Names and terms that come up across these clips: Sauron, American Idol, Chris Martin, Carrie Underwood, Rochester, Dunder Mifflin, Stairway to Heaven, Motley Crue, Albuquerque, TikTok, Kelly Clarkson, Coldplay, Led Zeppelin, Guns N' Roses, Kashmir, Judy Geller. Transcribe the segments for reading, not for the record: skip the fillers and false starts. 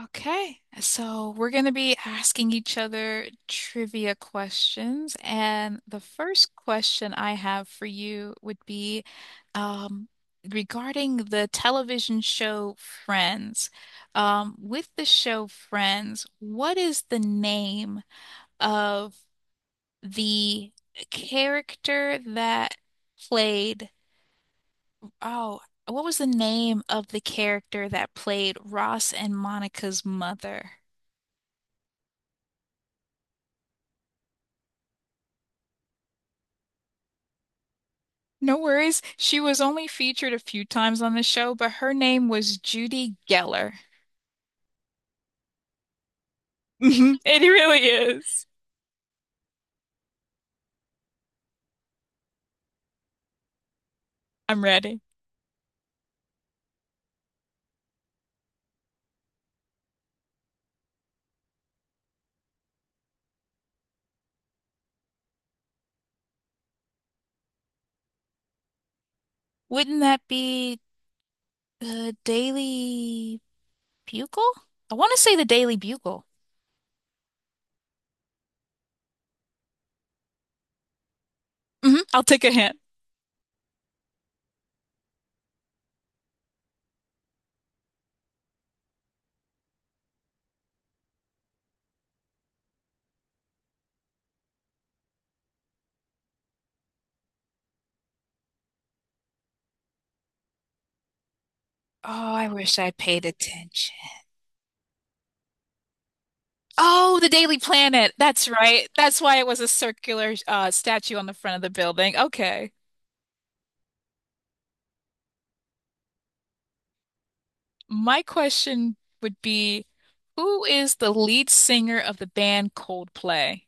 Okay, so we're going to be asking each other trivia questions. And the first question I have for you would be um, regarding the television show Friends. With the show Friends, what is the name of the character that played? Oh, what was the name of the character that played Ross and Monica's mother? No worries. She was only featured a few times on the show, but her name was Judy Geller. It really is. I'm ready. Wouldn't that be the Daily Bugle? I want to say the Daily Bugle. Hmm, I'll take a hint. Oh, I wish I paid attention. Oh, the Daily Planet. That's right. That's why it was a circular statue on the front of the building. Okay. My question would be, who is the lead singer of the band Coldplay?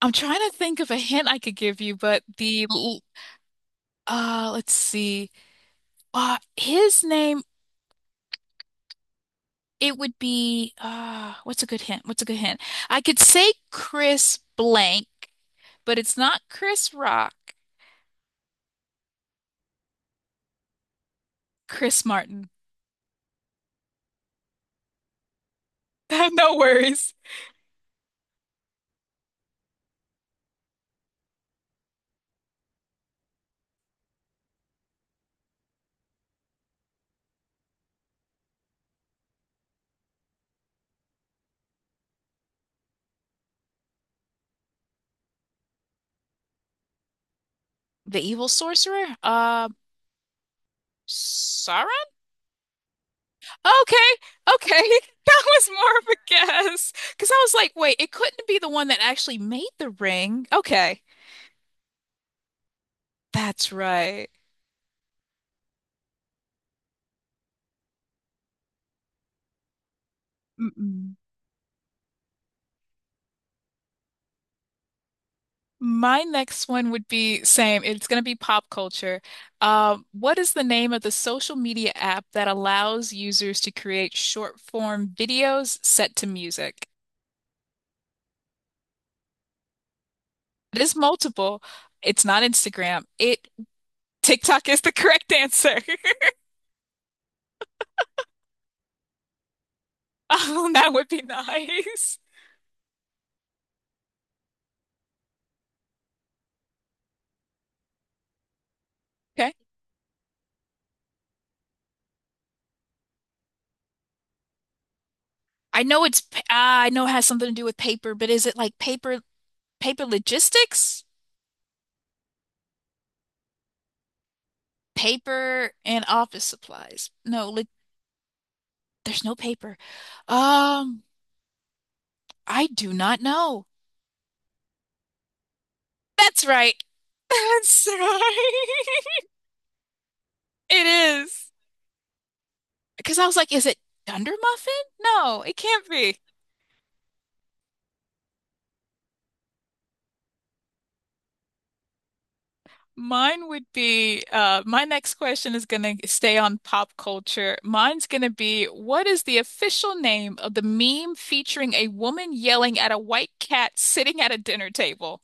I'm trying to think of a hint I could give you, but let's see. His name it would be what's a good hint? What's a good hint? I could say Chris blank, but it's not Chris Rock, Chris Martin. No worries. The evil sorcerer? Sauron? Okay, okay. That was more of a guess. Because I was like, wait, it couldn't be the one that actually made the ring. Okay. That's right. Mm-mm. My next one would be same. It's going to be pop culture. What is the name of the social media app that allows users to create short form videos set to music? It is multiple. It's not Instagram. It TikTok is the correct answer. Oh, that would be nice. Okay. I know ah, I know it has something to do with paper, but is it like paper logistics? Paper and office supplies. No, like there's no paper. Um I do not know. That's right. That's right. It is. Because I was like, is it Dunder Muffin? No, it can't be. Mine would be my next question is going to stay on pop culture. Mine's going to be what is the official name of the meme featuring a woman yelling at a white cat sitting at a dinner table?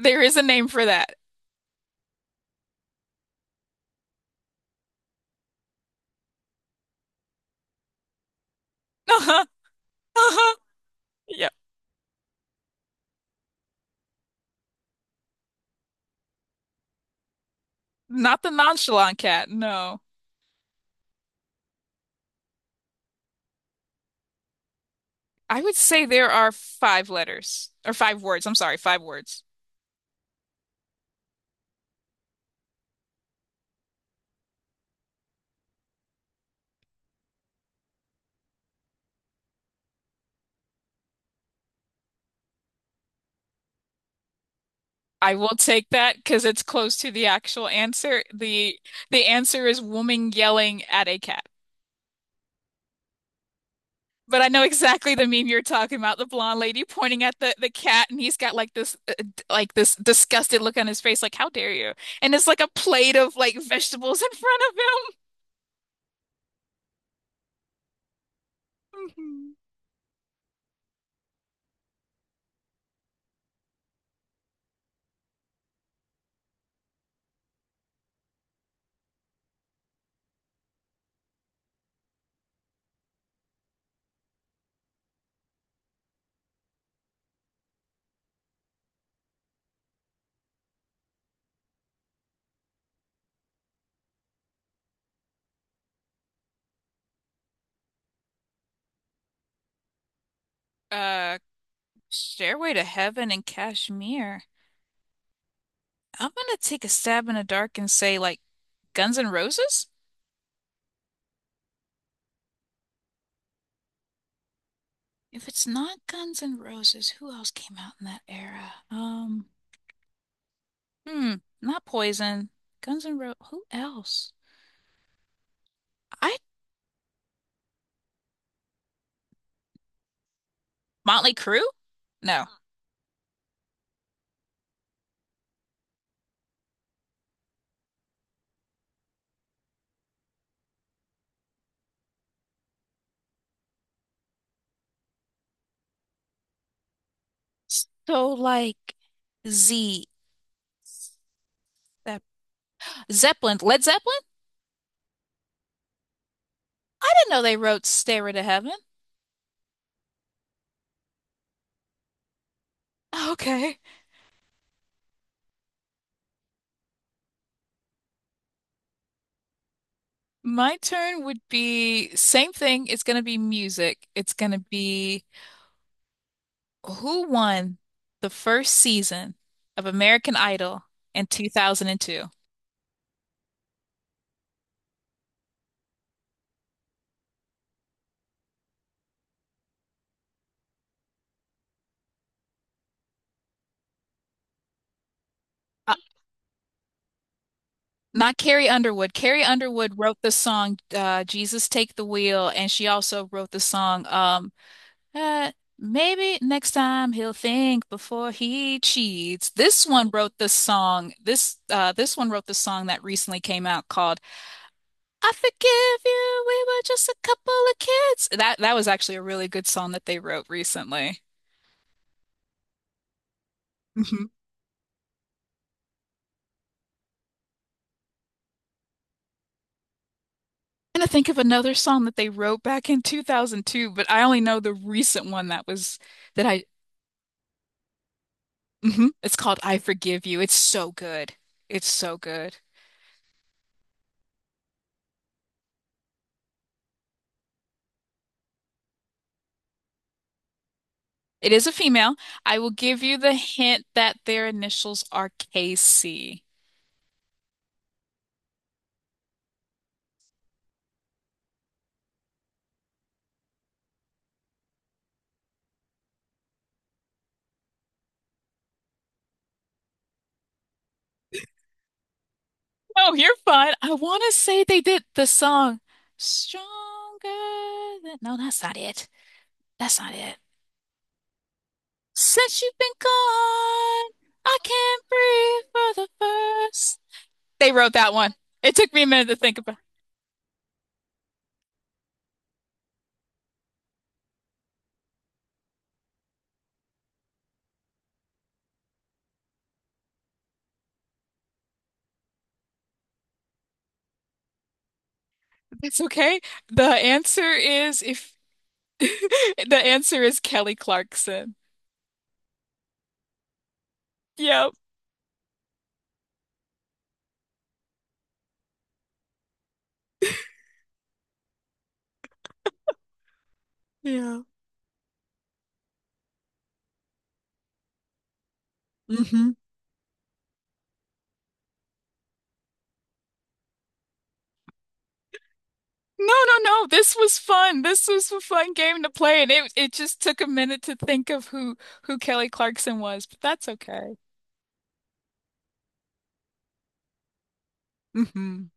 There is a name for that. Uh-huh. Uh-huh. Yep. Not the nonchalant cat. No. I would say there are five letters or five words. I'm sorry, five words. I will take that because it's close to the actual answer. The answer is woman yelling at a cat. But I know exactly the meme you're talking about, the blonde lady pointing at the cat and he's got like this like this disgusted look on his face like how dare you? And it's like a plate of like vegetables in front of him. Uh, Stairway to Heaven and Kashmir. I'm gonna take a stab in the dark and say like Guns N' Roses? If it's not Guns N' Roses, who else came out in that era? Hmm, not Poison. Guns N' Roses. Who else? I Motley Crue? No. So like Z, Zep-, Zeppelin, Led Zeppelin? I didn't know they wrote Stairway to Heaven. Okay. My turn would be same thing. It's gonna be music. It's gonna be who won the first season of American Idol in 2002? Not Carrie Underwood. Carrie Underwood wrote the song Jesus Take the Wheel, and she also wrote the song uh, Maybe Next Time He'll Think Before He Cheats. This one wrote the song. This this one wrote the song that recently came out called I Forgive You. We were just a couple of kids. That was actually a really good song that they wrote recently. Hmm. And I think of another song that they wrote back in 2002, but I only know the recent one that was that I hmm, it's called I Forgive You. It's so good. It's so good. It is a female. I will give you the hint that their initials are KC. Oh, you're fine. I want to say they did the song Stronger than... No, that's not it. That's not it. Since you've been gone, I can't breathe for the first. They wrote that one. It took me a minute to think about. That's okay. The answer is if the answer is Kelly Clarkson. Yep. Yeah. Hmm. No, no, no. This was fun. This was a fun game to play, and it just took a minute to think of who Kelly Clarkson was, but that's okay. Hmm.